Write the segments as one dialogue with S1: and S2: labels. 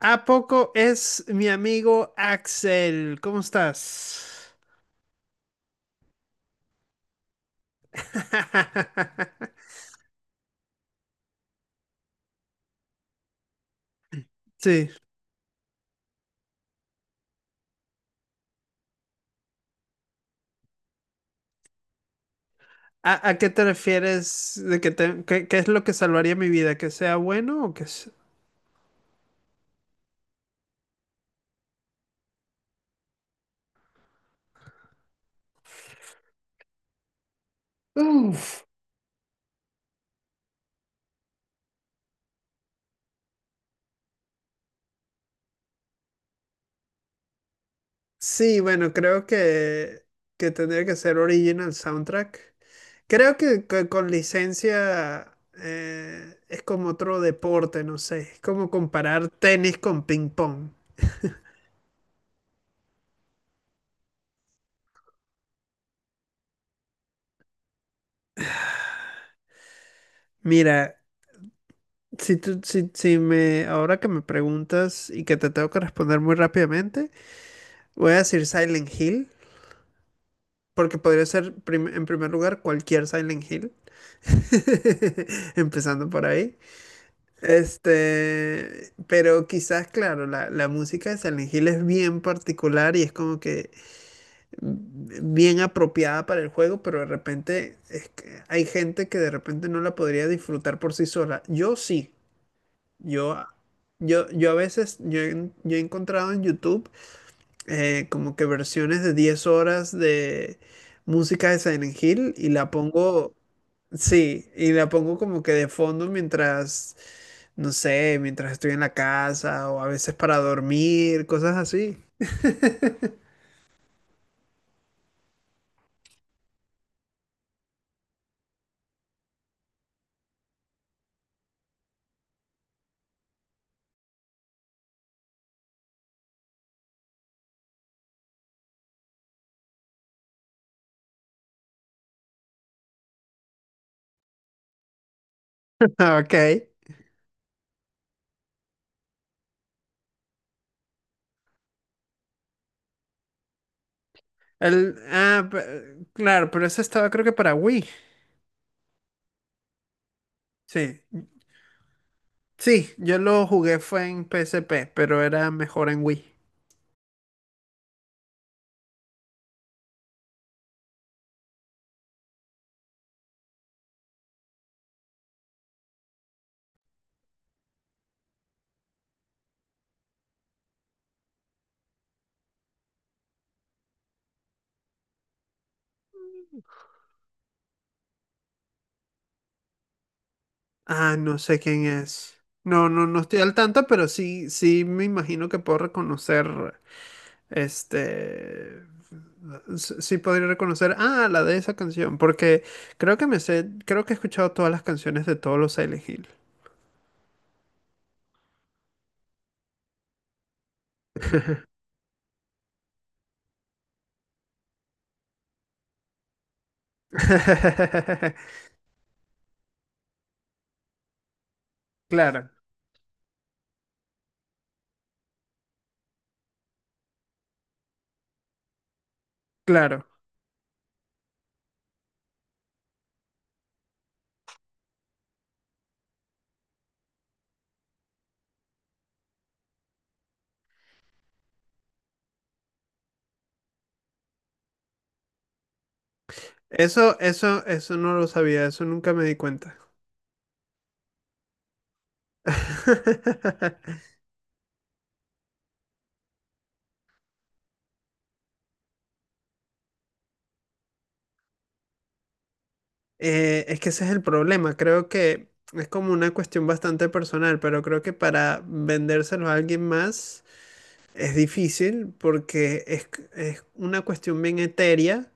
S1: ¿A poco es mi amigo Axel? ¿Cómo estás? Sí. A qué te refieres? ¿De que te- qué, qué es lo que salvaría mi vida? ¿Que sea bueno o que sea... Uf. Sí, bueno, creo que tendría que ser original soundtrack. Creo que, co- con licencia es como otro deporte, no sé. Es como comparar tenis con ping pong. Mira, si tú, si me, ahora que me preguntas y que te tengo que responder muy rápidamente, voy a decir Silent Hill, porque podría ser prim- en primer lugar cualquier Silent Hill, empezando por ahí. Pero quizás, claro, la música de Silent Hill es bien particular y es como que bien apropiada para el juego, pero de repente es que hay gente que de repente no la podría disfrutar por sí sola. Yo sí. Yo, yo a veces, yo he encontrado en YouTube como que versiones de 10 horas de música de Silent Hill y la pongo, sí, y la pongo como que de fondo mientras, no sé, mientras estoy en la casa o a veces para dormir, cosas así. Ah, ok. El, ah, pe- claro, pero ese estaba creo que para Wii. Sí, sí, yo lo jugué fue en PSP, pero era mejor en Wii. Ah, no sé quién es. No, no, no estoy al tanto, pero sí, sí me imagino que puedo reconocer, este, s- sí podría reconocer, ah, la de esa canción, porque creo que me sé, creo que he escuchado todas las canciones de todos los Silent Hill. Claro, claro. Eso no lo sabía, eso nunca me di cuenta. Es que ese es el problema. Creo que es como una cuestión bastante personal, pero creo que para vendérselo a alguien más es difícil porque es, c- es una cuestión bien etérea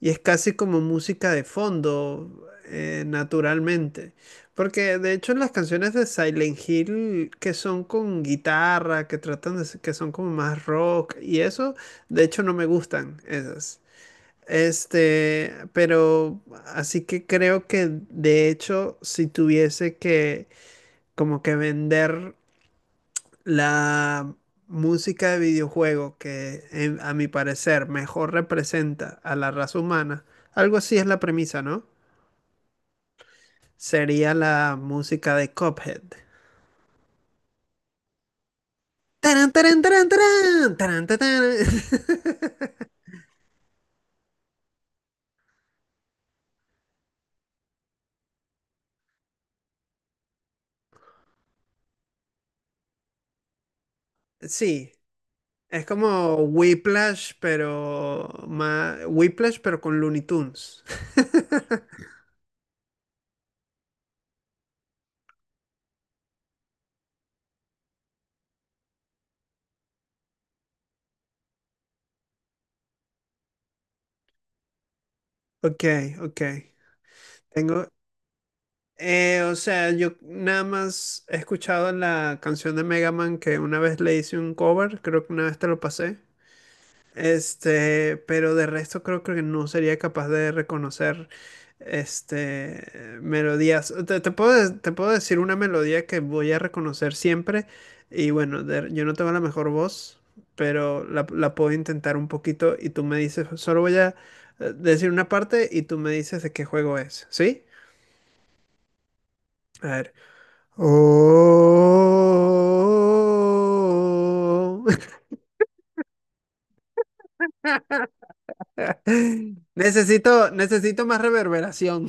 S1: y es casi como música de fondo, naturalmente. Porque de hecho las canciones de Silent Hill que son con guitarra, que tratan de, s- que son como más rock y eso, de hecho no me gustan esas. Pero así que creo que de hecho, si tuviese que como que vender la música de videojuego que en- a mi parecer mejor representa a la raza humana, algo así es la premisa, ¿no? Sería la música de Cuphead. ¡Tarán, tarán, tarán, tarán, tarán, tarán, tarán! Sí, es como Whiplash, pero más Whiplash, pero con Looney Tunes. Ok, ok. Tengo, o sea, yo nada más he escuchado la canción de Mega Man que una vez le hice un cover, creo que una vez te lo pasé. Pero de resto creo que no sería capaz de reconocer este melodías. Te puedo, de- te puedo decir una melodía que voy a reconocer siempre. Y bueno, de- yo no tengo la mejor voz, pero la puedo intentar un poquito y tú me dices, solo voy a decir una parte y tú me dices de qué juego es, ¿sí? A ver. Oh. Necesito, necesito más reverberación.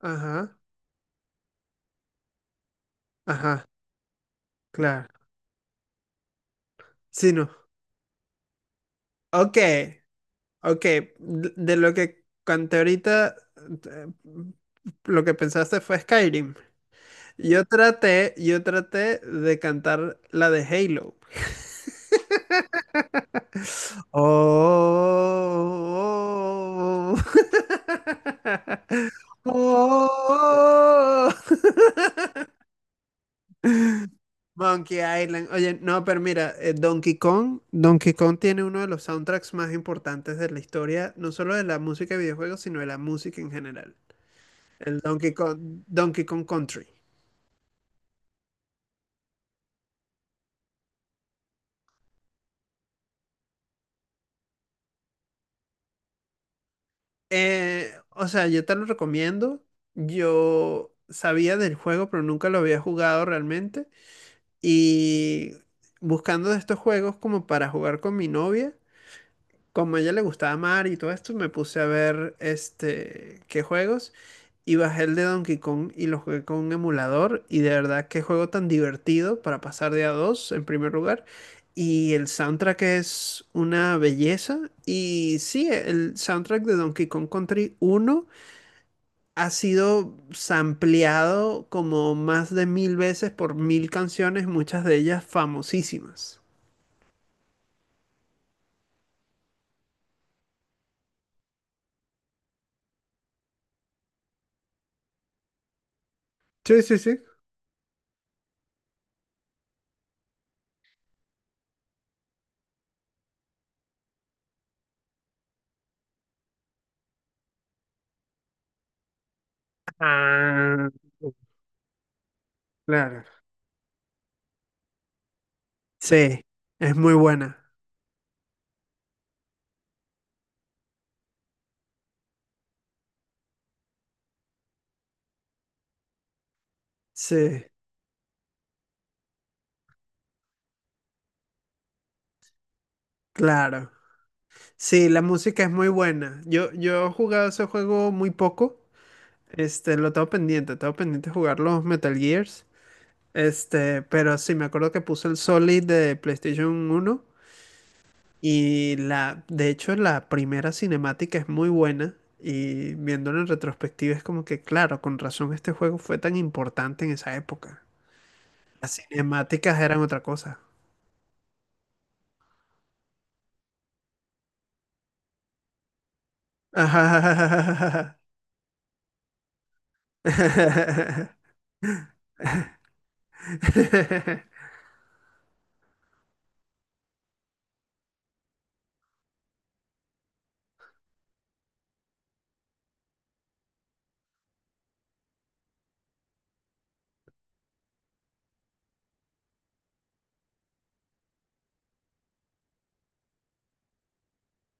S1: Ajá. Ajá, claro. Sí, no. Ok, ok. De lo que conté ahorita, eh, lo que pensaste fue Skyrim. Yo traté de cantar la de Halo. Oh, oh. Monkey Island. Oye, no, pero mira, Donkey Kong, Donkey Kong tiene uno de los soundtracks más importantes de la historia, no solo de la música de videojuegos, sino de la música en general. El Donkey Kong, Donkey Kong Country. O sea, yo te lo recomiendo. Yo sabía del juego, pero nunca lo había jugado realmente. Y buscando de estos juegos como para jugar con mi novia, como a ella le gustaba mar y todo esto, me puse a ver este qué juegos y bajé el de Donkey Kong y lo jugué con un emulador y de verdad qué juego tan divertido para pasar de a dos en primer lugar y el soundtrack es una belleza y sí, el soundtrack de Donkey Kong Country uno ha sido sampleado como más de mil veces por mil canciones, muchas de ellas famosísimas. Sí, sí, sí. Ah, claro. Sí, es muy buena. Sí, claro. Sí, la música es muy buena. Yo he jugado ese juego muy poco. Este, lo tengo pendiente jugar los Metal Gears. Pero sí, me acuerdo que puse el Solid de PlayStation uno y la, de hecho, la primera cinemática es muy buena y viéndolo en retrospectiva es como que, claro, con razón este juego fue tan importante en esa época. Las cinemáticas eran otra cosa.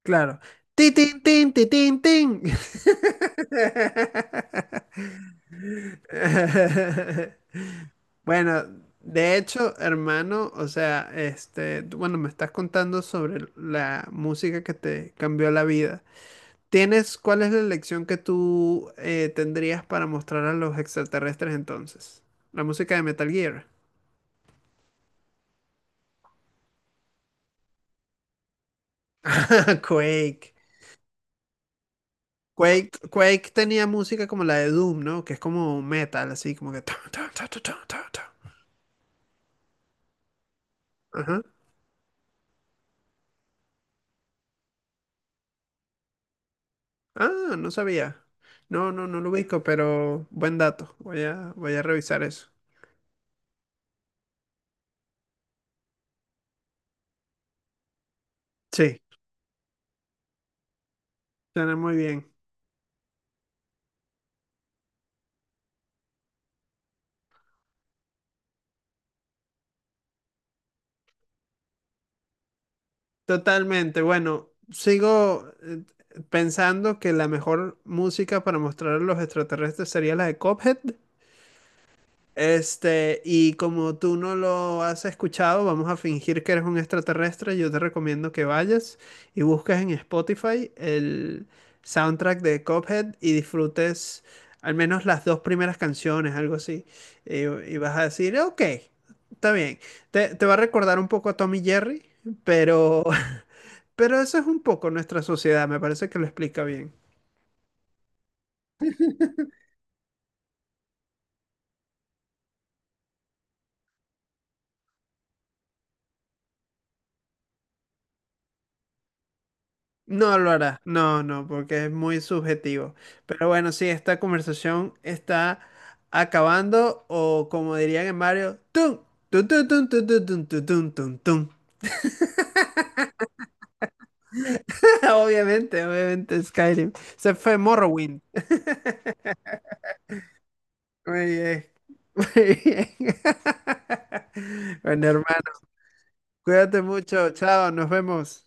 S1: Claro. Tin, tin, tin, ti, tin, tin. Bueno, de hecho, hermano, o sea, este, tú- bueno, me estás contando sobre la música que te cambió la vida. ¿Tienes, cuál es la lección que tú tendrías para mostrar a los extraterrestres entonces? La música de Metal Gear. Quake. Quake, Quake tenía música como la de Doom, ¿no? Que es como metal, así como que... ta, ta, ta, ta, ta, ta, ta. Ajá. Ah, no sabía. No, no, no lo ubico, pero buen dato. Voy a, voy a revisar eso. Sí, suena muy bien. Totalmente. Bueno, sigo pensando que la mejor música para mostrar a los extraterrestres sería la de Cuphead. Este, y como tú no lo has escuchado, vamos a fingir que eres un extraterrestre. Yo te recomiendo que vayas y busques en Spotify el soundtrack de Cuphead y disfrutes al menos las dos primeras canciones, algo así. Y vas a decir, ok, está bien. Te va a recordar un poco a Tommy Jerry, pero, pero eso es un poco nuestra sociedad. Me parece que lo explica bien. No lo hará, no, no, porque es muy subjetivo. Pero bueno, sí, esta conversación está acabando o como dirían en Mario, tum, tum, tum, tum, tum, tum, tum, tum, tum, tum, tum. Obviamente, obviamente Skyrim. Se fue Morrowind. Muy bien, muy bien. Bueno, hermano, cuídate mucho. Chao, nos vemos.